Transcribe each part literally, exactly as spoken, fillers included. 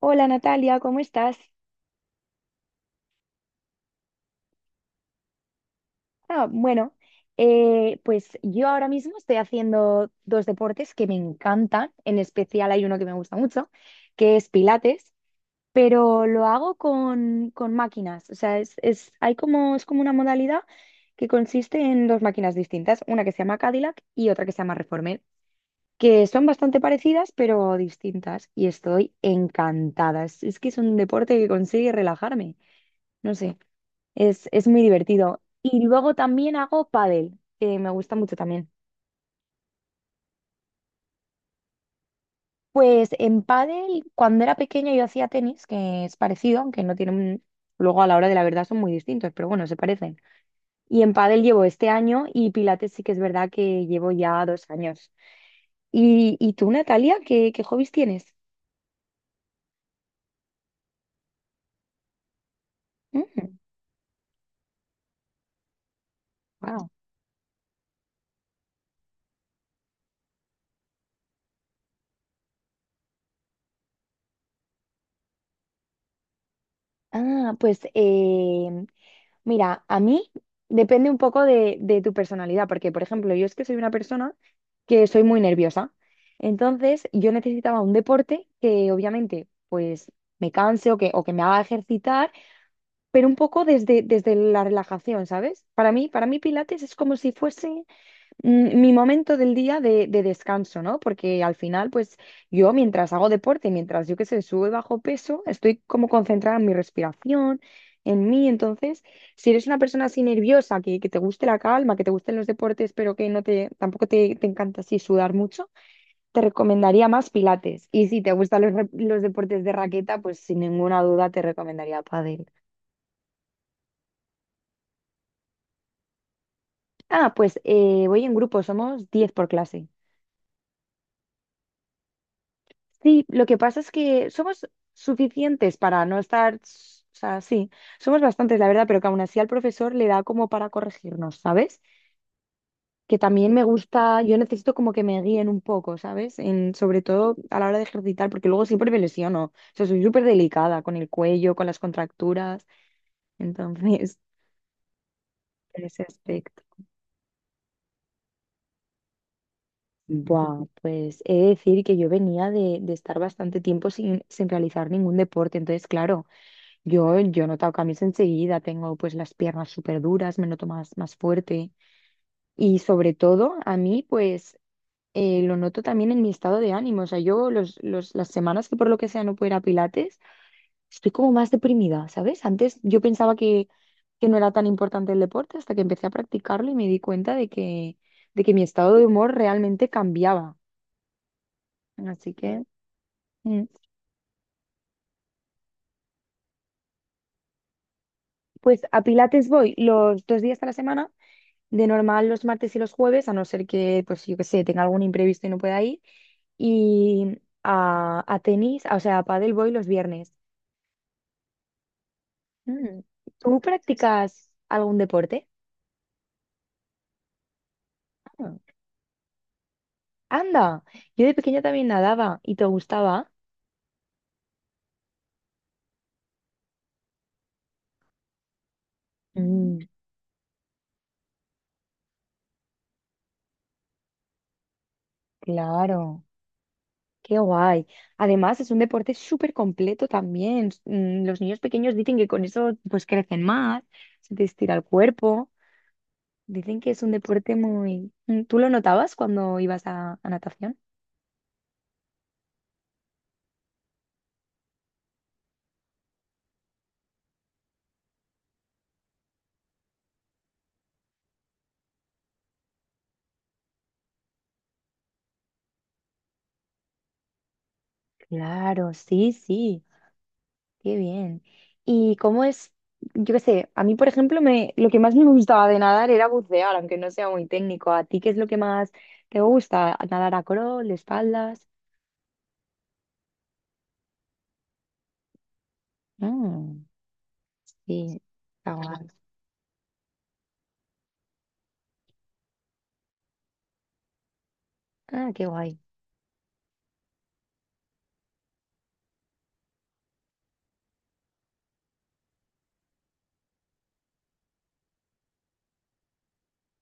Hola Natalia, ¿cómo estás? Ah, bueno, eh, pues yo ahora mismo estoy haciendo dos deportes que me encantan, en especial hay uno que me gusta mucho, que es Pilates, pero lo hago con, con máquinas, o sea, es, es- hay como, es como una modalidad que consiste en dos máquinas distintas, una que se llama Cadillac y otra que se llama Reformer, que son bastante parecidas pero distintas y estoy encantada, es, es que es un deporte que consigue relajarme, no sé. Es, es muy divertido. Y luego también hago pádel, que me gusta mucho también. Pues en pádel, cuando era pequeña yo hacía tenis, que es parecido, aunque no tienen, luego a la hora de la verdad son muy distintos, pero bueno, se parecen. Y en pádel llevo este año y pilates sí que es verdad que llevo ya dos años. ¿Y, y tú, Natalia, qué, qué hobbies tienes? Wow. Ah, pues eh, mira, a mí depende un poco de, de tu personalidad, porque, por ejemplo, yo es que soy una persona que soy muy nerviosa. Entonces, yo necesitaba un deporte que obviamente, pues, me canse o que, o que me haga ejercitar, pero un poco desde, desde la relajación, ¿sabes? Para mí, para mí Pilates es como si fuese mm, mi momento del día de, de descanso, ¿no? Porque al final, pues yo mientras hago deporte, mientras yo que sé, subo y bajo peso, estoy como concentrada en mi respiración, en mí. Entonces, si eres una persona así nerviosa, que, que te guste la calma, que te gusten los deportes, pero que no te, tampoco te, te encanta así sudar mucho, te recomendaría más pilates. Y si te gustan los, re- los deportes de raqueta, pues sin ninguna duda te recomendaría pádel. Ah, pues eh, voy en grupo, somos diez por clase. Sí, lo que pasa es que somos suficientes para no estar, s- o sea, sí, somos bastantes, la verdad, pero que aún así al profesor le da como para corregirnos, ¿sabes? Que también me gusta, yo necesito como que me guíen un poco, ¿sabes? En, sobre todo a la hora de ejercitar, porque luego siempre me lesiono, o sea, soy súper delicada con el cuello, con las contracturas, entonces, en ese aspecto. Buah, pues he de decir que yo venía de, de estar bastante tiempo sin, sin realizar ningún deporte, entonces, claro. Yo, yo he notado cambios enseguida, tengo pues las piernas súper duras, me noto más, más fuerte y sobre todo a mí pues eh, lo noto también en mi estado de ánimo, o sea, yo los, los, las semanas que por lo que sea no puedo ir a Pilates, estoy como más deprimida, ¿sabes? Antes yo pensaba que, que no era tan importante el deporte hasta que empecé a practicarlo y me di cuenta de que, de que mi estado de humor realmente cambiaba, así que. Mm. Pues a Pilates voy los dos días a la semana. De normal los martes y los jueves, a no ser que, pues yo que sé, tenga algún imprevisto y no pueda ir. Y a, a tenis, o sea, a pádel voy los viernes. Mm, ¿Tú practicas algún deporte? Ah, anda, yo de pequeña también nadaba y te gustaba. Mm, claro, qué guay. Además, es un deporte súper completo también. Mm, los niños pequeños dicen que con eso pues crecen más, se te estira el cuerpo. Dicen que es un deporte muy... Mm, ¿Tú lo notabas cuando ibas a, a natación? Claro, sí, sí, qué bien. ¿Y cómo es? Yo qué sé, a mí, por ejemplo, me, lo que más me gustaba de nadar era bucear, aunque no sea muy técnico. ¿A ti qué es lo que más te gusta? ¿Nadar a crawl, de espaldas? Mm, sí, está guay. Ah, qué guay.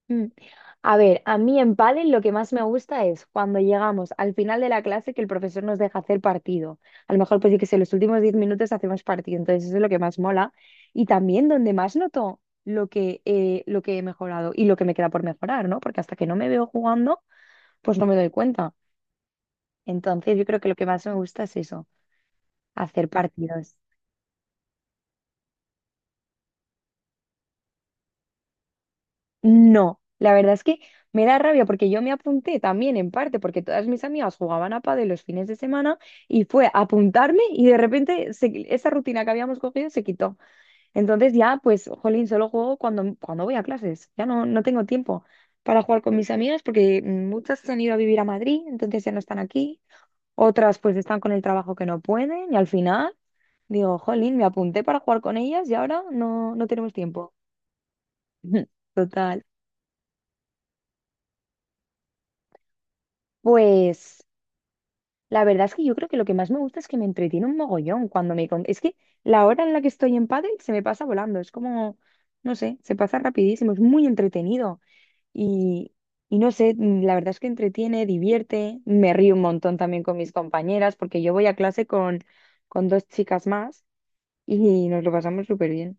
Mm. A ver, a mí en pádel lo que más me gusta es cuando llegamos al final de la clase que el profesor nos deja hacer partido. A lo mejor pues sí que sé, los últimos diez minutos hacemos partido, entonces eso es lo que más mola. Y también donde más noto lo que, eh, lo que he mejorado y lo que me queda por mejorar, ¿no? Porque hasta que no me veo jugando, pues no me doy cuenta. Entonces yo creo que lo que más me gusta es eso, hacer partidos. No, la verdad es que me da rabia porque yo me apunté también en parte porque todas mis amigas jugaban a pádel los fines de semana y fue apuntarme y de repente se- esa rutina que habíamos cogido se quitó. Entonces ya, pues, jolín, solo juego cuando, cuando voy a clases. Ya no, no tengo tiempo para jugar con mis amigas porque muchas se han ido a vivir a Madrid, entonces ya no están aquí. Otras pues están con el trabajo que no pueden y al final digo, jolín, me apunté para jugar con ellas y ahora no, no tenemos tiempo. Total. Pues... La verdad es que yo creo que lo que más me gusta es que me entretiene un mogollón. cuando me... con- Es que la hora en la que estoy en pádel se me pasa volando, es como, no sé, se pasa rapidísimo, es muy entretenido y, y no sé, mm, la verdad es que entretiene, divierte, me río un montón también con mis compañeras porque yo voy a clase con, con dos chicas más y nos lo pasamos súper bien.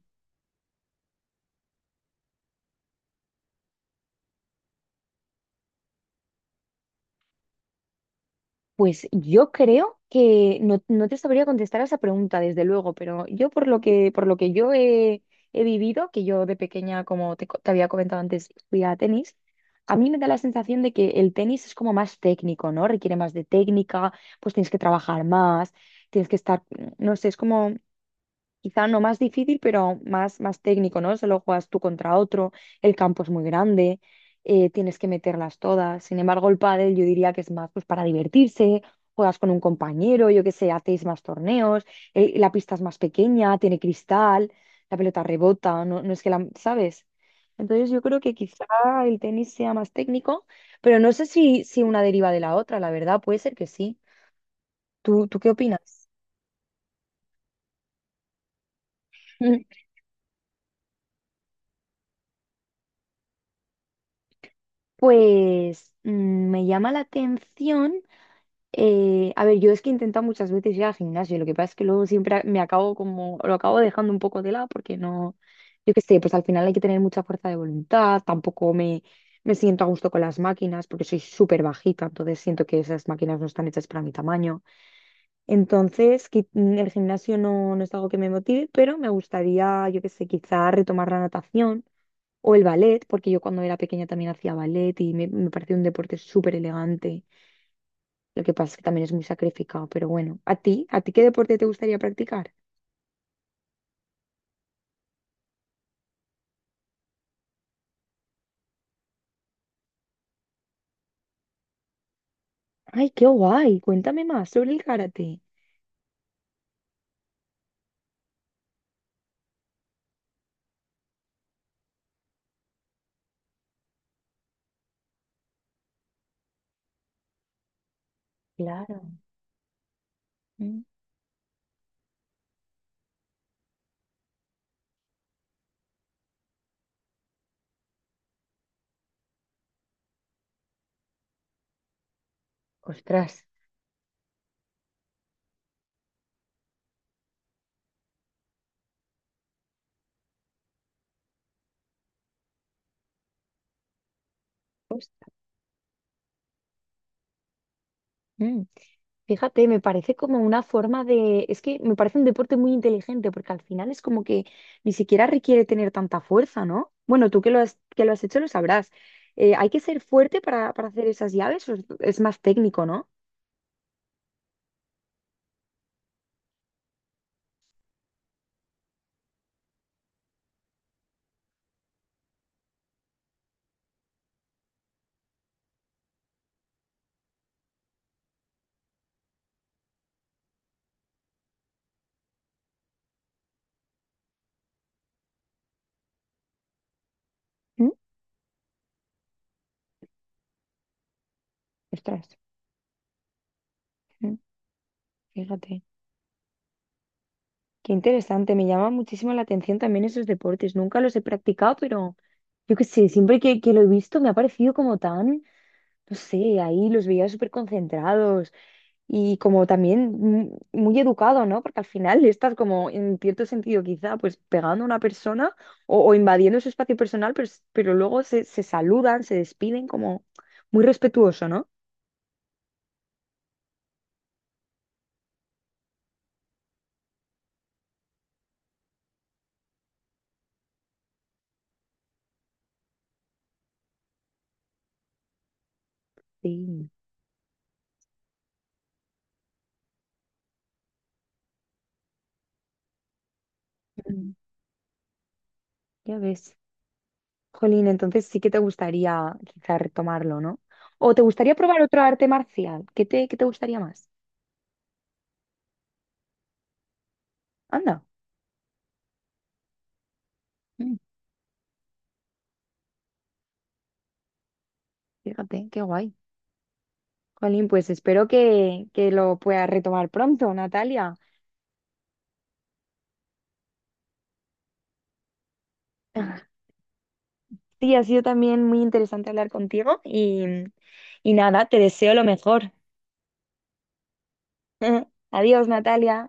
Pues yo creo que no, no te sabría contestar a esa pregunta, desde luego, pero yo por lo que, por lo que yo he, he vivido, que yo de pequeña, como te, co- te había comentado antes, fui a tenis, a mí me da la sensación de que el tenis es como más técnico, ¿no? Requiere más de técnica, pues tienes que trabajar más, tienes que estar, no sé, es como quizá no más difícil, pero más, más técnico, ¿no? Solo juegas tú contra otro, el campo es muy grande, eh, tienes que meterlas todas. Sin embargo, el pádel yo diría que es más pues, para divertirse, juegas con un compañero, yo qué sé, hacéis más torneos, eh, la pista es más pequeña, tiene cristal, la pelota rebota, no, no es que la, ¿sabes? Entonces yo creo que quizá el tenis sea más técnico, pero no sé si, si una deriva de la otra, la verdad, puede ser que sí. ¿Tú, tú qué opinas? Pues mm, me llama la atención. Eh, a ver, yo es que he intentado muchas veces ir al gimnasio, lo que pasa es que luego siempre a- me acabo como, lo acabo dejando un poco de lado porque no, yo qué sé, pues al final hay que tener mucha fuerza de voluntad, tampoco me, me siento a gusto con las máquinas porque soy súper bajita, entonces siento que esas máquinas no están hechas para mi tamaño. Entonces, qui- mm, el gimnasio no, no es algo que me motive, pero me gustaría, yo qué sé, quizá retomar la natación o el ballet, porque yo cuando era pequeña también hacía ballet y me, me pareció un deporte súper elegante. Lo que pasa es que también es muy sacrificado, pero bueno. ¿A ti? ¿A ti qué deporte te gustaría practicar? Ay, qué guay. Cuéntame más sobre el karate. Claro. Mm. Ostras. Ostras. Mm. Fíjate, me parece como una forma de... Es que me parece un deporte muy inteligente porque al final es como que ni siquiera requiere tener tanta fuerza, ¿no? Bueno, tú que lo has, que lo has hecho lo sabrás. Eh, ¿hay que ser fuerte para, para hacer esas llaves o es es más técnico, ¿no? Mm, Ostras, mm, fíjate. Qué interesante, me llama muchísimo la atención también esos deportes. Nunca los he practicado, pero yo qué sé, siempre que, que lo he visto me ha parecido como tan, no sé, ahí los veía súper concentrados y como también mm, muy educado, ¿no? Porque al final estás como en cierto sentido quizá pues pegando a una persona o, o invadiendo su espacio personal, pero, s- pero luego se, se saludan, se despiden como muy respetuoso, ¿no? Sí, Mm, ya ves. Jolín, entonces sí que te gustaría quizá retomarlo, ¿no? ¿O te gustaría probar otro arte marcial? ¿Qué te, qué te gustaría más? Anda, mm, fíjate, qué guay. Jolín, pues espero que, que lo puedas retomar pronto, Natalia. Sí, ha sido también muy interesante hablar contigo y, y nada, te deseo lo mejor. Adiós, Natalia.